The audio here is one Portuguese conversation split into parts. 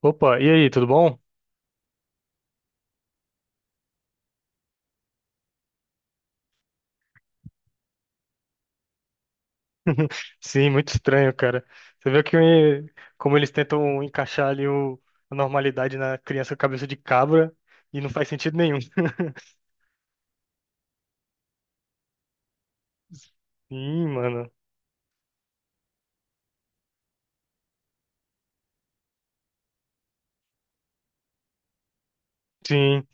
Opa, e aí, tudo bom? Sim, muito estranho, cara. Você vê que como eles tentam encaixar a normalidade na criança cabeça de cabra e não faz sentido nenhum. Sim, mano. Sim.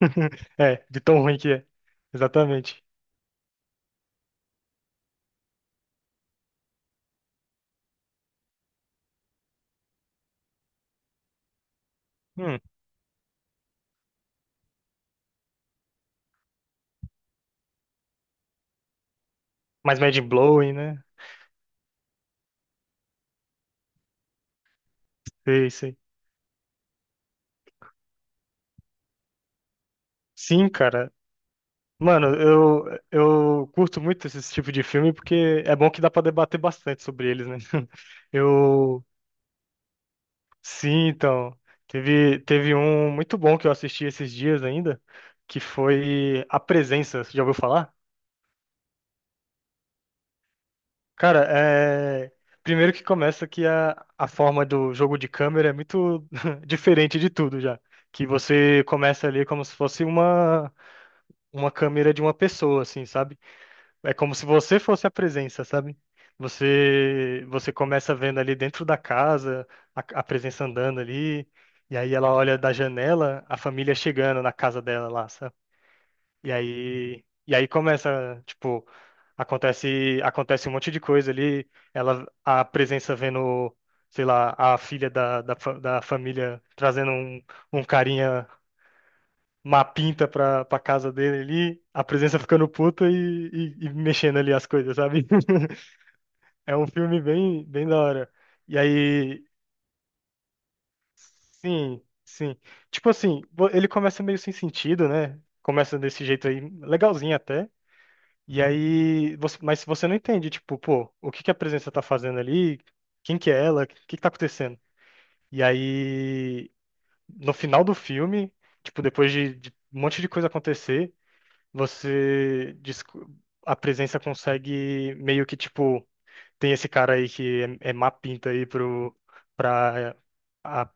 É, de tão ruim que é. Exatamente. Hum, mas mind blowing, né? Sei, sei. Sim, cara. Mano, eu curto muito esse tipo de filme porque é bom que dá pra debater bastante sobre eles, né? Eu. Sim, então. Teve um muito bom que eu assisti esses dias ainda, que foi A Presença. Você já ouviu falar? Cara, é. Primeiro que começa que a forma do jogo de câmera é muito diferente de tudo já. Que você começa ali como se fosse uma câmera de uma pessoa, assim, sabe? É como se você fosse a presença, sabe? Você começa vendo ali dentro da casa a presença andando ali, e aí ela olha da janela a família chegando na casa dela lá, sabe? E aí começa, tipo, acontece um monte de coisa ali, ela a presença vendo, sei lá, a filha da família trazendo um carinha, uma pinta pra casa dele ali, a presença ficando puta e mexendo ali as coisas, sabe? É um filme bem da hora. E aí, sim, sim. Tipo assim, ele começa meio sem sentido, né? Começa desse jeito aí, legalzinho até. E aí, você, mas você não entende, tipo, pô, o que que a presença tá fazendo ali? Quem que é ela? O que que tá acontecendo? E aí, no final do filme, tipo, depois de um monte de coisa acontecer, você, desco- a presença consegue meio que, tipo, tem esse cara aí que é má pinta aí pra a,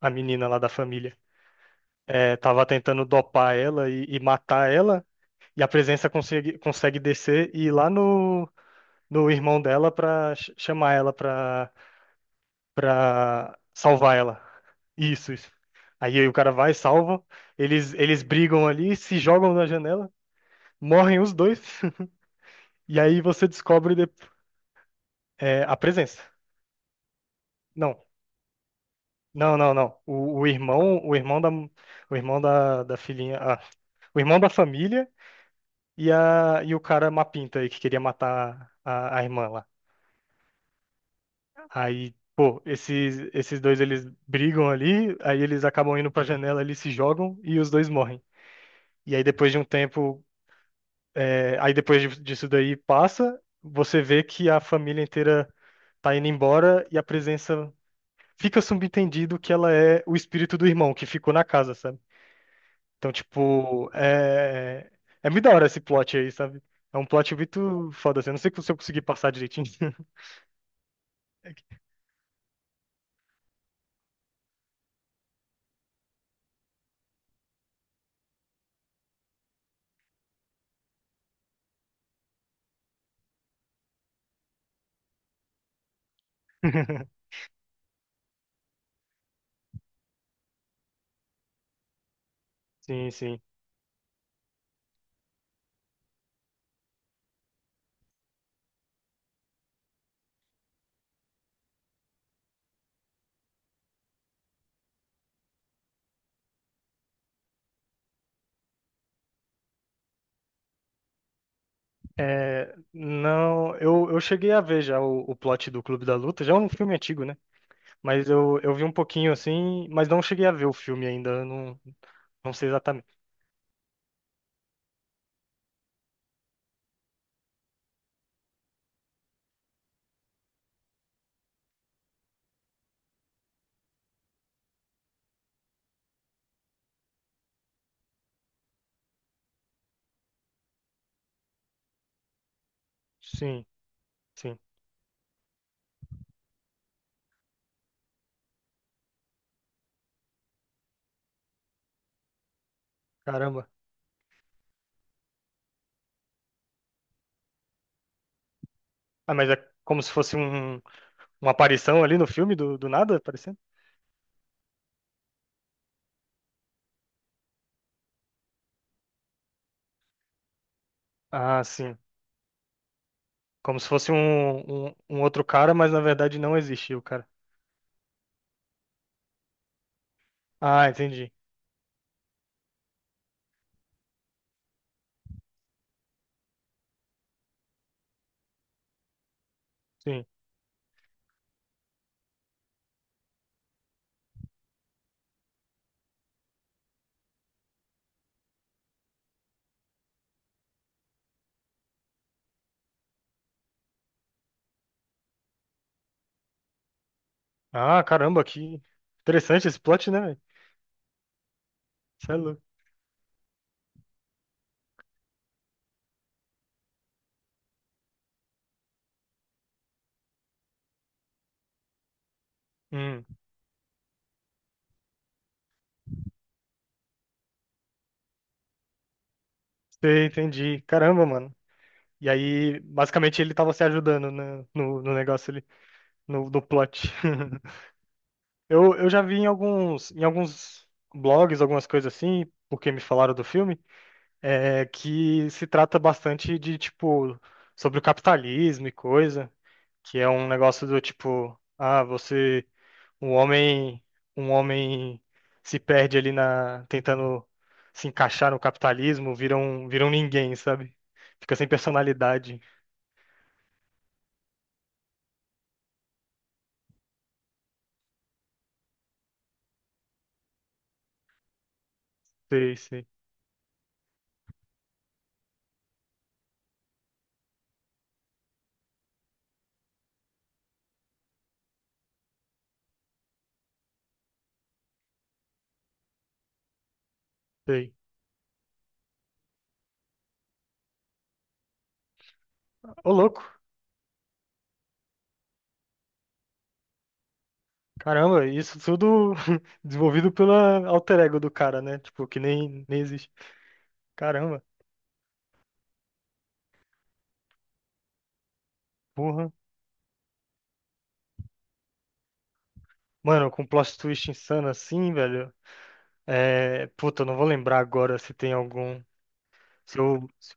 a menina lá da família. É, tava tentando dopar ela e matar ela, e a presença consegue descer e ir lá no irmão dela pra chamar ela pra, pra salvar ela. Isso, isso. Aí, aí o cara vai, salva, eles brigam ali, se jogam na janela, morrem os dois, e aí você descobre é, a presença. Não. Não, não, não. O irmão da filhinha, ah, o irmão da família e o cara mapinta aí que queria matar a irmã lá. Aí, pô, esses dois eles brigam ali, aí eles acabam indo pra janela, eles se jogam e os dois morrem. E aí depois de um tempo, aí depois disso daí passa, você vê que a família inteira tá indo embora e a presença fica subentendido que ela é o espírito do irmão que ficou na casa, sabe? Então, tipo, é muito da hora esse plot aí, sabe? É um plot muito foda, assim. Eu não sei se eu consegui passar direitinho. Sim, sim. É, não, eu cheguei a ver já o plot do Clube da Luta, já é um filme antigo, né? Mas eu vi um pouquinho assim, mas não cheguei a ver o filme ainda, eu não, não sei exatamente. Sim, sim. Caramba. Ah, mas é como se fosse uma aparição ali no filme do nada, aparecendo? Ah, sim. Como se fosse um outro cara, mas na verdade não existiu, cara. Ah, entendi. Sim. Ah, caramba, que interessante esse plot, né, velho? Isso é louco. Hum, sei, entendi. Caramba, mano. E aí, basicamente, ele tava se ajudando, né, no negócio ali, no plot. Eu já vi em alguns blogs, algumas coisas assim, porque me falaram do filme, é, que se trata bastante de, tipo, sobre o capitalismo e coisa, que é um negócio do tipo, ah, você. Um homem, um homem se perde ali na, tentando se encaixar no capitalismo, vira vira um ninguém, sabe? Fica sem personalidade. Sei, sei, sei. Ô, louco. Caramba, isso tudo desenvolvido pela alter ego do cara, né? Tipo, que nem, nem existe. Caramba, porra. Mano, com plot twist insano assim, velho. É. Puta, eu não vou lembrar agora se tem algum. Se eu...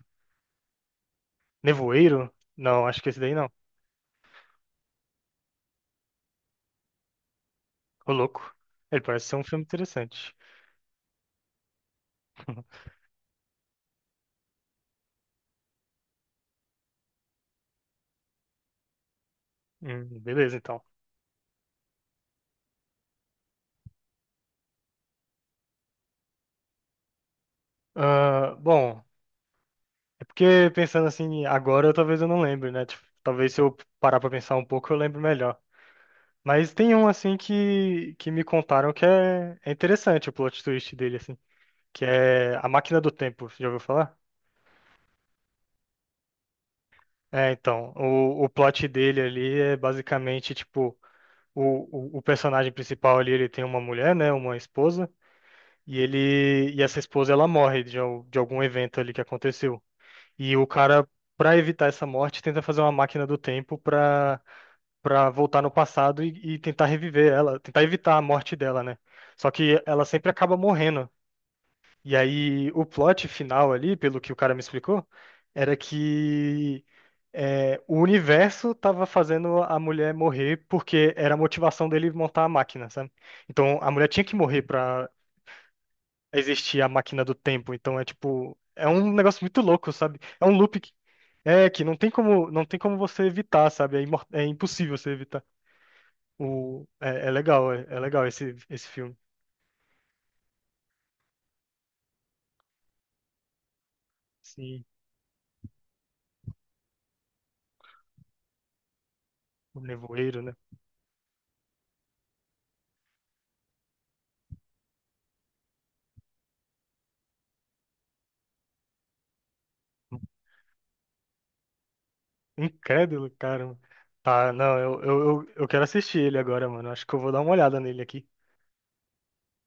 Nevoeiro? Não, acho que esse daí não. Ô, louco. Ele parece ser um filme interessante. Beleza, então. Ah, bom, é porque pensando assim, agora talvez eu não lembre, né? Tipo, talvez se eu parar pra pensar um pouco eu lembro melhor. Mas tem um assim que me contaram que é interessante o plot twist dele, assim, que é A Máquina do Tempo, você já ouviu falar? É, então, o, plot dele ali é basicamente, tipo, o personagem principal ali, ele tem uma mulher, né, uma esposa, e ele, e essa esposa, ela morre de algum evento ali que aconteceu. E o cara, pra evitar essa morte, tenta fazer uma máquina do tempo pra para voltar no passado e tentar reviver ela, tentar evitar a morte dela, né? Só que ela sempre acaba morrendo. E aí o plot final ali, pelo que o cara me explicou, era que é, o universo tava fazendo a mulher morrer porque era a motivação dele montar a máquina, sabe? Então a mulher tinha que morrer pra existir a máquina do tempo. Então é tipo, é um negócio muito louco, sabe? É um loop que, é, que não tem como, não tem como você evitar, sabe? É, é impossível você evitar. O, é, é legal, é legal esse, esse filme. Sim, o Nevoeiro, né? Incrédulo, cara. Tá, não, eu quero assistir ele agora, mano. Acho que eu vou dar uma olhada nele aqui.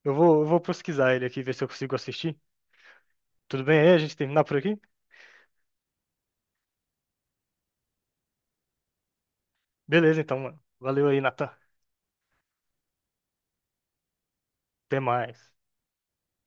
Eu vou pesquisar ele aqui, ver se eu consigo assistir. Tudo bem aí? A gente terminar por aqui? Beleza, então, mano. Valeu aí, Natan. Até mais.